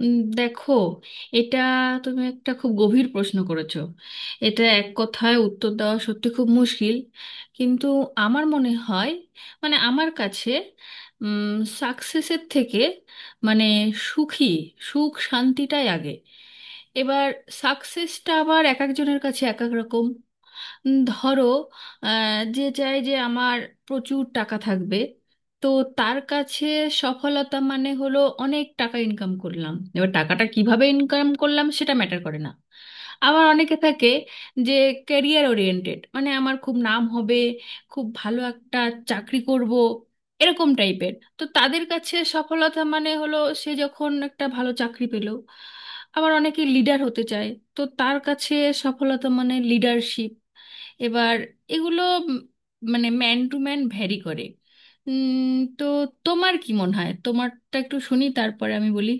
দেখো, এটা তুমি একটা খুব গভীর প্রশ্ন করেছো। এটা এক কথায় উত্তর দেওয়া সত্যি খুব মুশকিল, কিন্তু আমার মনে হয়, মানে আমার কাছে সাকসেসের থেকে মানে সুখী সুখ শান্তিটাই আগে। এবার সাকসেসটা আবার এক একজনের কাছে এক এক রকম। ধরো, যে চায় যে আমার প্রচুর টাকা থাকবে, তো তার কাছে সফলতা মানে হলো অনেক টাকা ইনকাম করলাম, এবার টাকাটা কিভাবে ইনকাম করলাম সেটা ম্যাটার করে না। আবার অনেকে থাকে যে ক্যারিয়ার ওরিয়েন্টেড, মানে আমার খুব নাম হবে, খুব ভালো একটা চাকরি করব, এরকম টাইপের। তো তাদের কাছে সফলতা মানে হলো সে যখন একটা ভালো চাকরি পেল। আবার অনেকে লিডার হতে চায়, তো তার কাছে সফলতা মানে লিডারশিপ। এবার এগুলো উম মানে ম্যান টু ম্যান ভ্যারি করে। উম, তো তোমার কি মনে হয়? তোমারটা একটু শুনি, তারপরে আমি বলি।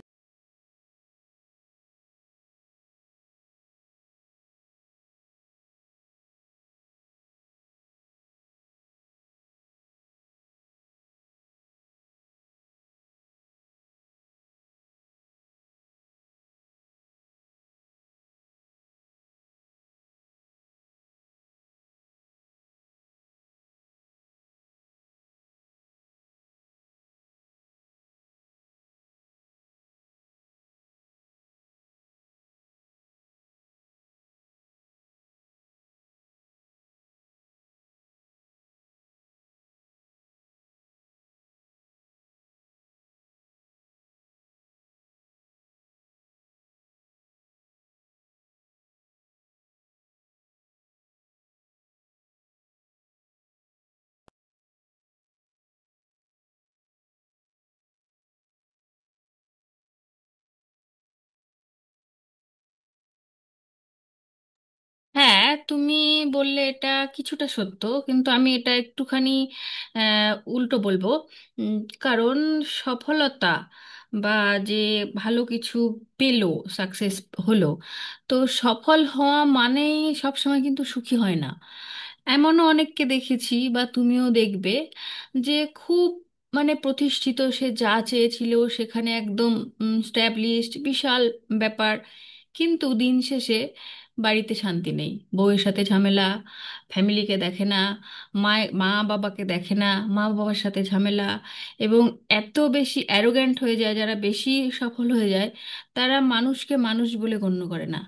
হ্যাঁ, তুমি বললে এটা কিছুটা সত্য, কিন্তু আমি এটা একটুখানি উল্টো বলবো। উম, কারণ সফলতা বা যে ভালো কিছু পেলো সাকসেস হলো, তো সফল হওয়া মানেই সবসময় কিন্তু সুখী হয় না। এমনও অনেককে দেখেছি বা তুমিও দেখবে যে খুব মানে প্রতিষ্ঠিত, সে যা চেয়েছিল সেখানে একদম স্ট্যাবলিশড, বিশাল ব্যাপার। কিন্তু দিন শেষে বাড়িতে শান্তি নেই, বউয়ের সাথে ঝামেলা, ফ্যামিলিকে দেখে না, মা মা বাবাকে দেখে না, মা বাবার সাথে ঝামেলা, এবং এত বেশি অ্যারোগ্যান্ট হয়ে যায়। যারা বেশি সফল হয়ে যায়, তারা মানুষকে মানুষ বলে গণ্য করে না।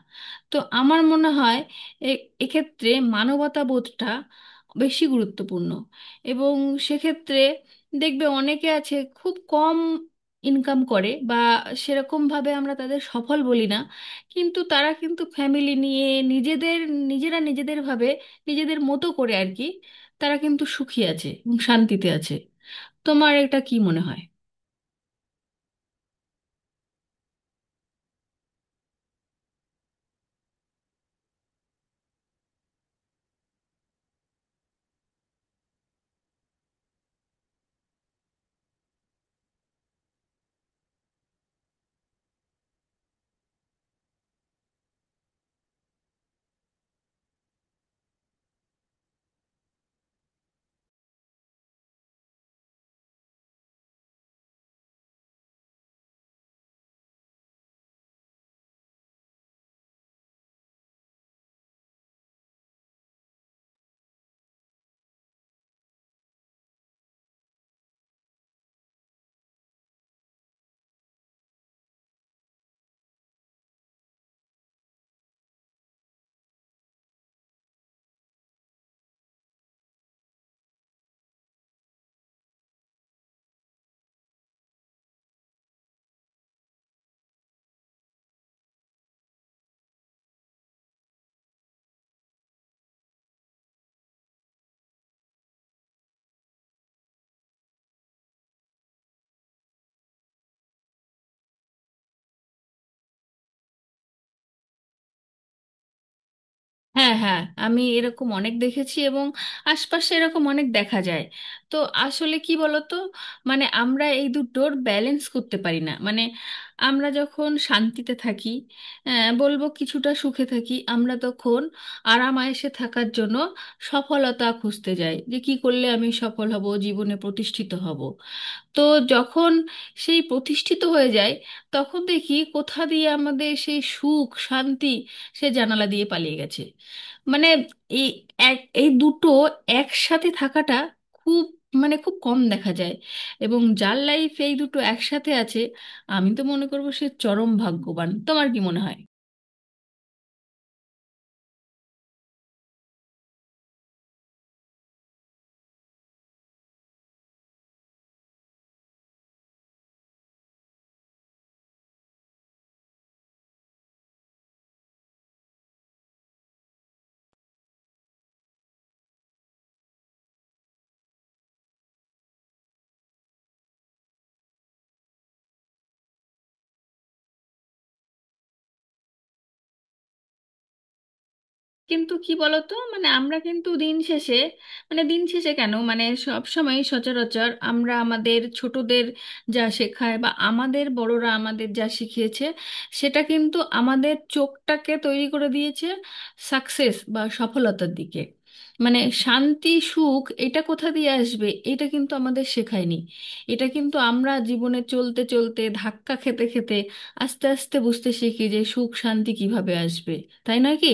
তো আমার মনে হয় এ এক্ষেত্রে মানবতাবোধটা বেশি গুরুত্বপূর্ণ। এবং সেক্ষেত্রে দেখবে অনেকে আছে খুব কম ইনকাম করে, বা সেরকমভাবে আমরা তাদের সফল বলি না, কিন্তু তারা কিন্তু ফ্যামিলি নিয়ে নিজেদের নিজেরা নিজেদের ভাবে, নিজেদের মতো করে আর কি। তারা কিন্তু সুখী আছে এবং শান্তিতে আছে। তোমার এটা কি মনে হয়? হ্যাঁ হ্যাঁ, আমি এরকম অনেক দেখেছি এবং আশপাশে এরকম অনেক দেখা যায়। তো আসলে কি বলতো, মানে আমরা এই দুটোর ব্যালেন্স করতে পারি না। মানে আমরা যখন শান্তিতে থাকি, বলবো কিছুটা সুখে থাকি, আমরা তখন আরাম আয়েসে থাকার জন্য সফলতা খুঁজতে যাই যে কি করলে আমি সফল হব, জীবনে প্রতিষ্ঠিত হব। তো যখন সেই প্রতিষ্ঠিত হয়ে যায়, তখন দেখি কোথা দিয়ে আমাদের সেই সুখ শান্তি সে জানালা দিয়ে পালিয়ে গেছে। মানে এই এই দুটো একসাথে থাকাটা খুব মানে খুব কম দেখা যায়। এবং যার লাইফ এই দুটো একসাথে আছে, আমি তো মনে করবো সে চরম ভাগ্যবান। তোমার কি মনে হয়? কিন্তু কি বলতো, মানে আমরা কিন্তু দিন শেষে, মানে দিন শেষে কেন মানে সব সময় সচরাচর, আমরা আমাদের ছোটদের যা শেখায় বা আমাদের বড়রা আমাদের যা শিখিয়েছে, সেটা কিন্তু আমাদের চোখটাকে তৈরি করে দিয়েছে সাকসেস বা সফলতার দিকে। মানে শান্তি সুখ এটা কোথা দিয়ে আসবে এটা কিন্তু আমাদের শেখায়নি। এটা কিন্তু আমরা জীবনে চলতে চলতে ধাক্কা খেতে খেতে আস্তে আস্তে বুঝতে শিখি যে সুখ শান্তি কিভাবে আসবে। তাই নয় কি?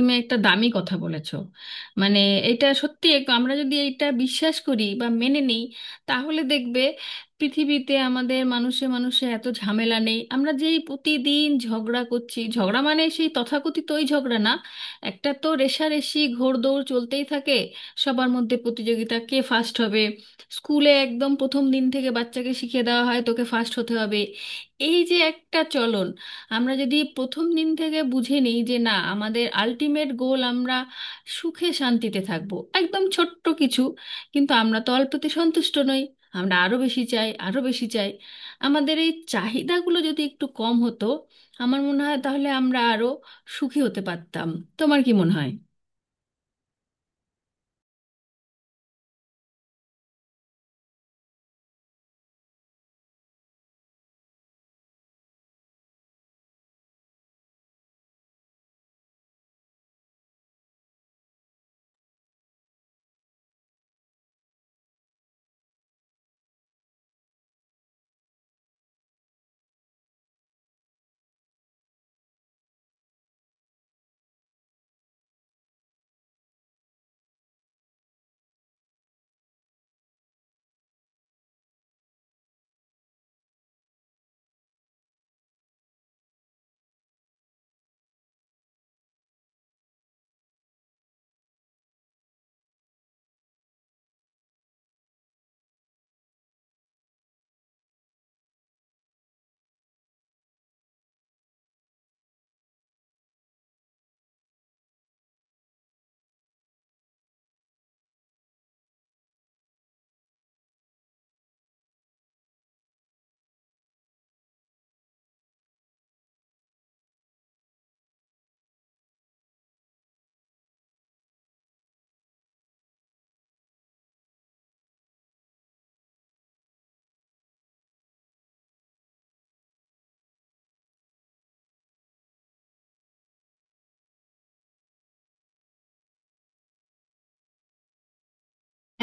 তুমি একটা দামি কথা বলেছো। মানে এটা সত্যি, আমরা যদি এটা বিশ্বাস করি বা মেনে নিই, তাহলে দেখবে পৃথিবীতে আমাদের মানুষে মানুষে এত ঝামেলা নেই। আমরা যেই প্রতিদিন ঝগড়া করছি, ঝগড়া মানে সেই তথাকথিত ওই ঝগড়া না, একটা তো রেষারেষি ঘোড়দৌড় চলতেই থাকে। সবার মধ্যে প্রতিযোগিতা, কে ফার্স্ট হবে। স্কুলে একদম প্রথম দিন থেকে বাচ্চাকে শিখিয়ে দেওয়া হয় তোকে ফার্স্ট হতে হবে। এই যে একটা চলন, আমরা যদি প্রথম দিন থেকে বুঝে নিই যে না, আমাদের আলটিমেট গোল আমরা সুখে শান্তিতে থাকব, একদম ছোট্ট কিছু। কিন্তু আমরা তো অল্পতে সন্তুষ্ট নই, আমরা আরো বেশি চাই আরো বেশি চাই। আমাদের এই চাহিদাগুলো যদি একটু কম হতো, আমার মনে হয় তাহলে আমরা আরো সুখী হতে পারতাম। তোমার কি মনে হয়?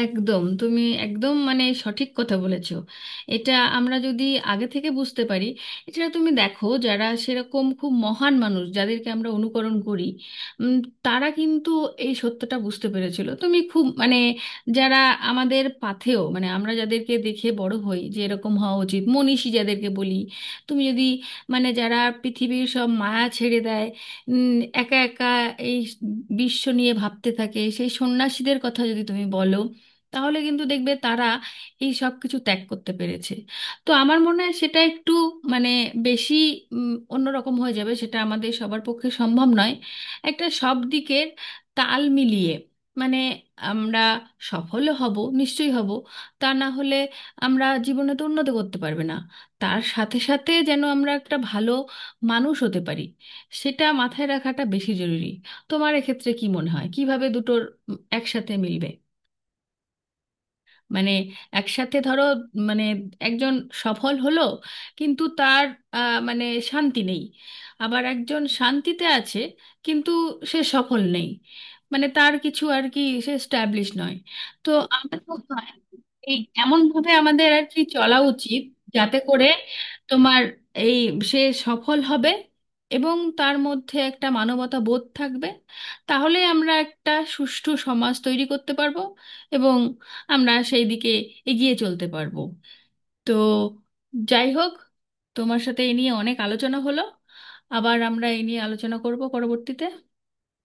একদম, তুমি একদম মানে সঠিক কথা বলেছো। এটা আমরা যদি আগে থেকে বুঝতে পারি। এটা তুমি দেখো, যারা সেরকম খুব মহান মানুষ যাদেরকে আমরা অনুকরণ করি, উম, তারা কিন্তু এই সত্যটা বুঝতে পেরেছিল। তুমি খুব মানে, যারা আমাদের পাথেয়, মানে আমরা যাদেরকে দেখে বড় হই যে এরকম হওয়া উচিত, মনীষী যাদেরকে বলি, তুমি যদি মানে যারা পৃথিবীর সব মায়া ছেড়ে দেয়, একা একা এই বিশ্ব নিয়ে ভাবতে থাকে, সেই সন্ন্যাসীদের কথা যদি তুমি বলো, তাহলে কিন্তু দেখবে তারা এই সব কিছু ত্যাগ করতে পেরেছে। তো আমার মনে হয় সেটা একটু মানে বেশি অন্যরকম হয়ে যাবে, সেটা আমাদের সবার পক্ষে সম্ভব নয়। একটা সব দিকের তাল মিলিয়ে মানে আমরা সফল হব, নিশ্চয়ই হব, তা না হলে আমরা জীবনে তো উন্নতি করতে পারবে না। তার সাথে সাথে যেন আমরা একটা ভালো মানুষ হতে পারি, সেটা মাথায় রাখাটা বেশি জরুরি। তোমার এক্ষেত্রে কি মনে হয় কিভাবে দুটোর একসাথে মিলবে? মানে একসাথে ধরো, মানে একজন সফল হলো কিন্তু তার মানে শান্তি নেই। আবার একজন শান্তিতে আছে কিন্তু সে সফল নেই, মানে তার কিছু আর কি, সে স্ট্যাবলিশ নয়। তো আমার মনে হয় এই এমন ভাবে আমাদের আর কি চলা উচিত, যাতে করে তোমার এই সে সফল হবে এবং তার মধ্যে একটা মানবতা বোধ থাকবে। তাহলে আমরা একটা সুষ্ঠু সমাজ তৈরি করতে পারবো এবং আমরা সেই দিকে এগিয়ে চলতে পারবো। তো যাই হোক, তোমার সাথে এ নিয়ে অনেক আলোচনা হলো। আবার আমরা এ নিয়ে আলোচনা করব পরবর্তীতে।